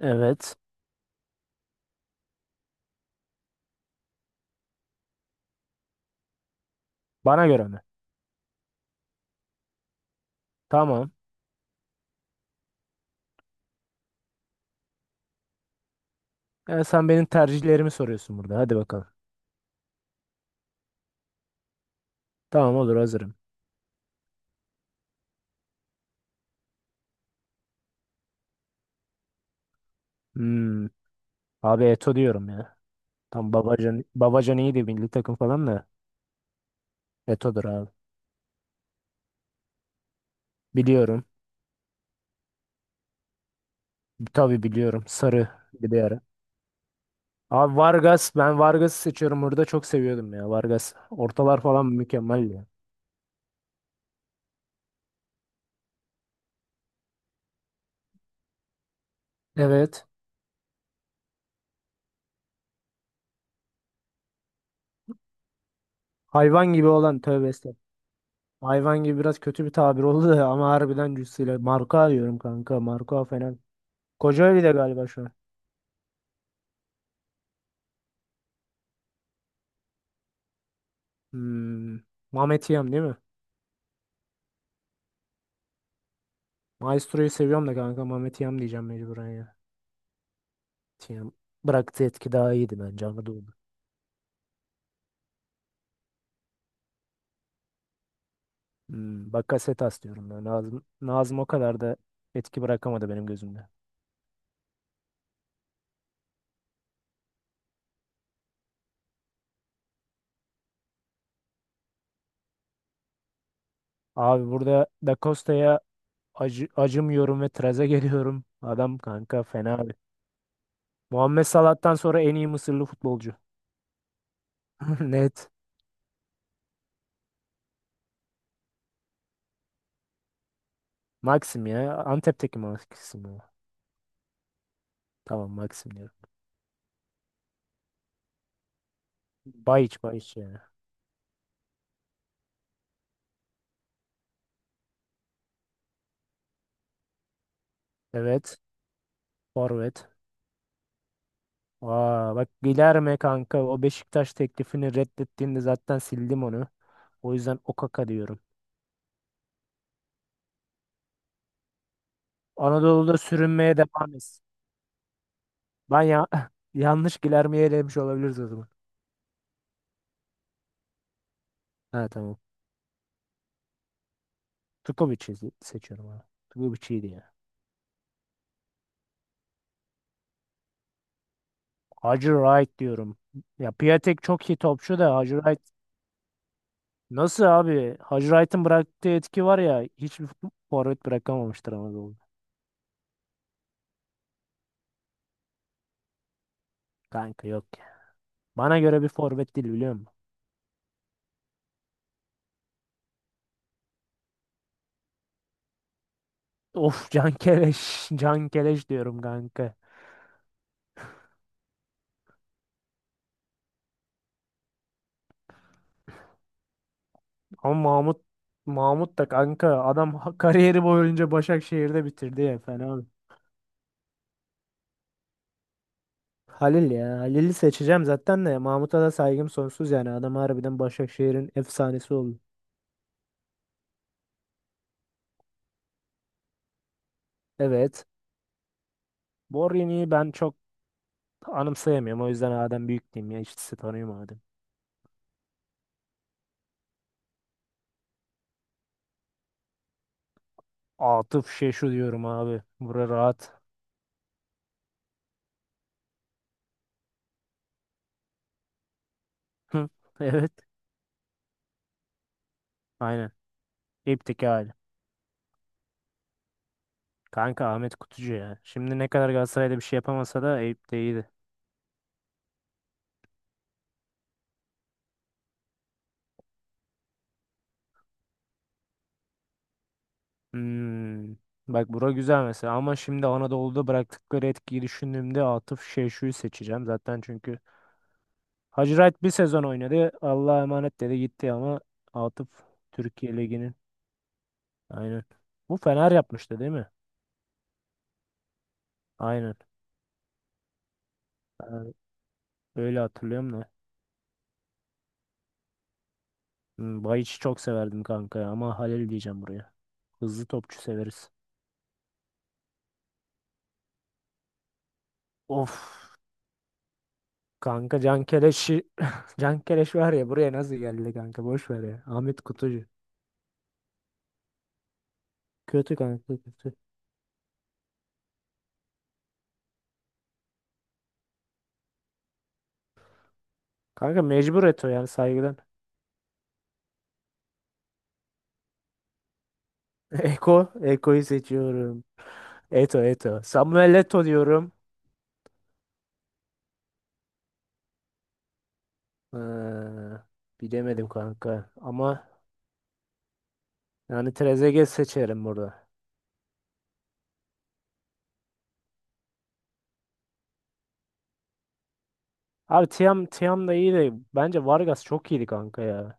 Evet. Bana göre mi? Tamam. Sen benim tercihlerimi soruyorsun burada. Hadi bakalım. Tamam, olur, hazırım. Hmm. Abi Eto diyorum ya. Tam Babacan, Babacan iyiydi, milli takım falan da. Eto'dur abi. Biliyorum. Tabii biliyorum. Sarı bir de ara. Abi Vargas. Ben Vargas'ı seçiyorum burada. Çok seviyordum ya Vargas. Ortalar falan mükemmel ya. Evet. Hayvan gibi olan, tövbe estağfurullah. Hayvan gibi biraz kötü bir tabir oldu da ama harbiden cüssüyle. Marka diyorum kanka. Marka falan. Kocaeli de galiba şu an. Hmm. Mehmet Hiyam değil mi? Maestro'yu seviyorum da kanka, Mehmet Hiyam diyeceğim mecburen ya. Hiyam bıraktığı etki daha iyiydi bence Anadolu'da. Hmm. Bakasetas diyorum ben. Nazım, Nazım o kadar da etki bırakamadı benim gözümde. Abi burada Da Costa'ya acımıyorum ve traze geliyorum. Adam kanka fena abi. Muhammed Salah'tan sonra en iyi Mısırlı futbolcu. Net. Maxim ya. Antep'teki Maxim ya. Tamam, Maxim diyorum. Bayiç Bayiç ya. Evet. Forvet. Aa, bak, Guilherme kanka, o Beşiktaş teklifini reddettiğinde zaten sildim onu. O yüzden Okaka diyorum. Anadolu'da sürünmeye devam etsin. Ben ya yanlış Guilherme'yi elemiş olabiliriz o zaman. Ha, tamam. Seçiyorum abi. Tukovic iyiydi ya. Hacı Wright diyorum. Ya Piatek çok iyi topçu da, Hacı Wright. Nasıl abi? Hacı Wright'ın bıraktığı etki var ya, hiçbir forvet bırakamamıştır Anadolu'da. Kanka yok ya. Bana göre bir forvet değil, biliyor musun? Of, Can Keleş. Can Keleş diyorum kanka. Ama Mahmut, Mahmut da kanka adam kariyeri boyunca Başakşehir'de bitirdi ya, fena mı? Halil ya. Halil'i seçeceğim zaten, de Mahmut'a da saygım sonsuz yani. Adam harbiden Başakşehir'in efsanesi oldu. Evet. Borini'yi ben çok anımsayamıyorum. O yüzden Adem Büyük diyeyim ya. İkisi tanıyorum, Adem. Atıf Şeşu diyorum abi. Bura rahat. Hı. Evet. Aynen. İpteki hali. Kanka Ahmet Kutucu ya. Şimdi ne kadar Galatasaray'da bir şey yapamasa da Eyüp'te iyiydi. Hmm. Bak, bura güzel mesela, ama şimdi Anadolu'da bıraktıkları etkiyi düşündüğümde Atıf Şeşu'yu seçeceğim zaten, çünkü Hacırayt bir sezon oynadı, Allah'a emanet dedi gitti, ama Atıf Türkiye Ligi'nin, aynen, bu Fener yapmıştı değil mi? Aynen, ben öyle hatırlıyorum da. Hmm, Bayiç'i çok severdim kanka ya, ama Halil diyeceğim buraya, hızlı topçu severiz. Of kanka, Can Keleş'i Can Keleş var ya, buraya nasıl geldi kanka, boş ver ya, Ahmet Kutucu. Kötü kanka, kötü. Kanka mecbur Eto, yani saygıdan. Eko, Eko'yu seçiyorum. Eto, Eto. Samuel Eto diyorum. Ha, bilemedim kanka. Ama yani Trezeguet seçerim burada. Abi Tiam, Tiam da iyi de bence Vargas çok iyiydi kanka ya.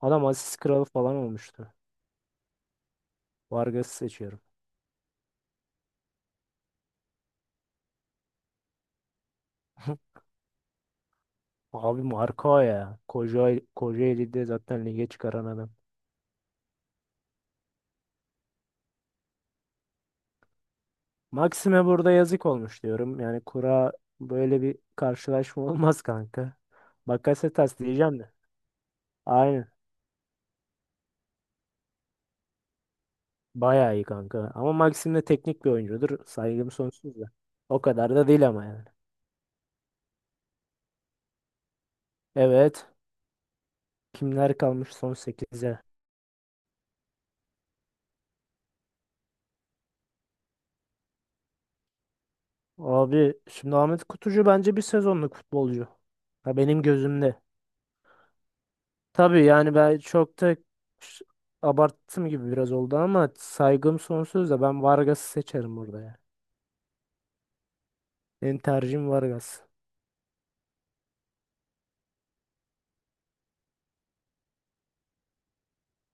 Adam asist kralı falan olmuştu. Vargas'ı seçiyorum. Abi Marco ya. Kocaeli'de zaten lige çıkaran adam. Maxime burada yazık olmuş diyorum. Yani kura, böyle bir karşılaşma olmaz kanka. Bakasetas diyeceğim de. Aynen. Bayağı iyi kanka. Ama Maxim de teknik bir oyuncudur. Saygım sonsuz da. O kadar da değil ama yani. Evet. Kimler kalmış son sekize. Abi şimdi Ahmet Kutucu bence bir sezonluk futbolcu. Ha, benim gözümde. Tabii yani ben çok da ş- abarttım gibi biraz oldu, ama saygım sonsuz da ben Vargas'ı seçerim burada ya. Benim tercihim Vargas.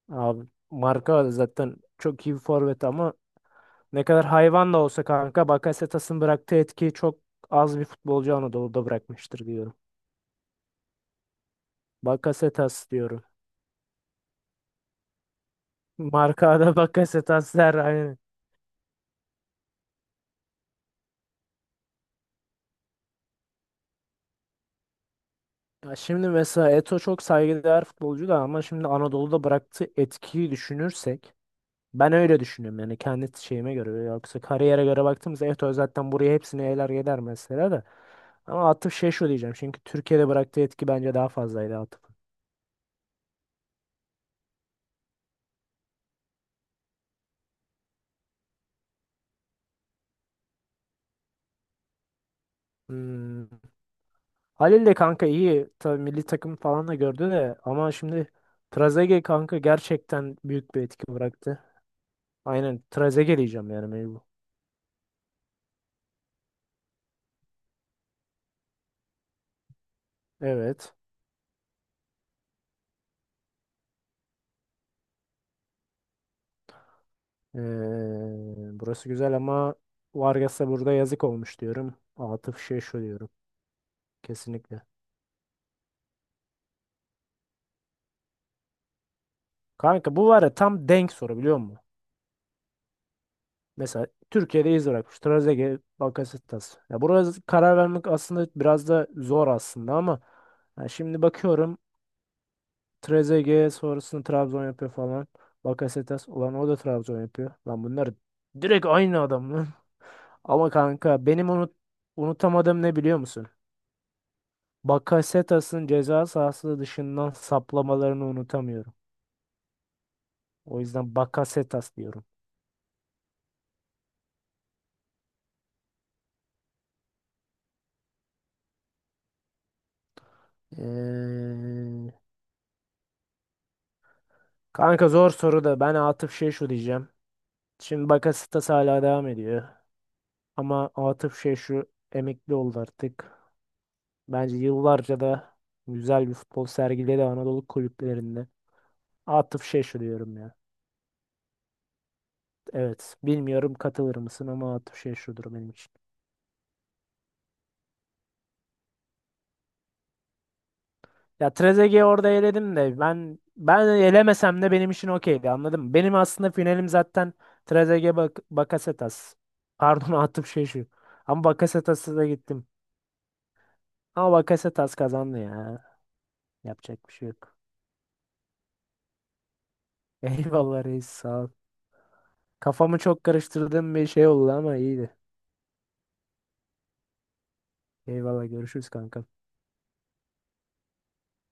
Abi marka zaten çok iyi bir forvet, ama ne kadar hayvan da olsa kanka, Bakasetas'ın bıraktığı etkiyi çok az bir futbolcu Anadolu'da bırakmıştır diyorum. Bakasetas diyorum. Markada Bakasetas der, aynen. Ya şimdi mesela Eto çok saygıdeğer futbolcu da, ama şimdi Anadolu'da bıraktığı etkiyi düşünürsek, ben öyle düşünüyorum yani, kendi şeyime göre, yoksa kariyere göre baktığımızda Eto zaten buraya hepsini eyler gider mesela da, ama Atıf şey şu diyeceğim çünkü Türkiye'de bıraktığı etki bence daha fazlaydı Atıf'ın. Hmm. Halil de kanka iyi. Tabii milli takım falan da gördü de, ama şimdi Trezeguet kanka gerçekten büyük bir etki bıraktı. Aynen, Trezeguet diyeceğim yani mecbur. Evet. Ee, Burası güzel ama Vargas'a burada yazık olmuş diyorum. Atıf şey şu diyorum. Kesinlikle. Kanka bu var ya, tam denk soru biliyor musun? Mesela Türkiye'de iz bırakmış. Trezeguet, Bakasetas. Ya burası karar vermek aslında biraz da zor aslında, ama ya şimdi bakıyorum, Trezeguet sonrasında Trabzon yapıyor falan. Bakasetas, ulan o da Trabzon yapıyor. Lan bunlar direkt aynı adam lan. Ama kanka benim unutamadığım ne biliyor musun? Bakasetas'ın ceza sahası dışından saplamalarını unutamıyorum. O yüzden Bakasetas diyorum. Ee, Kanka zor soru da ben Atıf şey şu diyeceğim. Şimdi Bakasetas hala devam ediyor. Ama Atıf şey şu emekli oldu artık. Bence yıllarca da güzel bir futbol sergiledi Anadolu kulüplerinde. Atıf Şeşu diyorum ya. Evet. Bilmiyorum katılır mısın, ama Atıf Şeşu'dur benim için. Ya Trezeguet'i orada eledim de ben elemesem de benim için okeydi, anladın mı? Benim aslında finalim zaten Trezeguet, bak, Bakasetas. Pardon Atıf Şeşu. Ama Bakasetas'a da gittim. Ama Bakasetas kazandı ya. Yapacak bir şey yok. Eyvallah reis, sağ ol. Kafamı çok karıştırdığım bir şey oldu ama iyiydi. Eyvallah, görüşürüz kanka.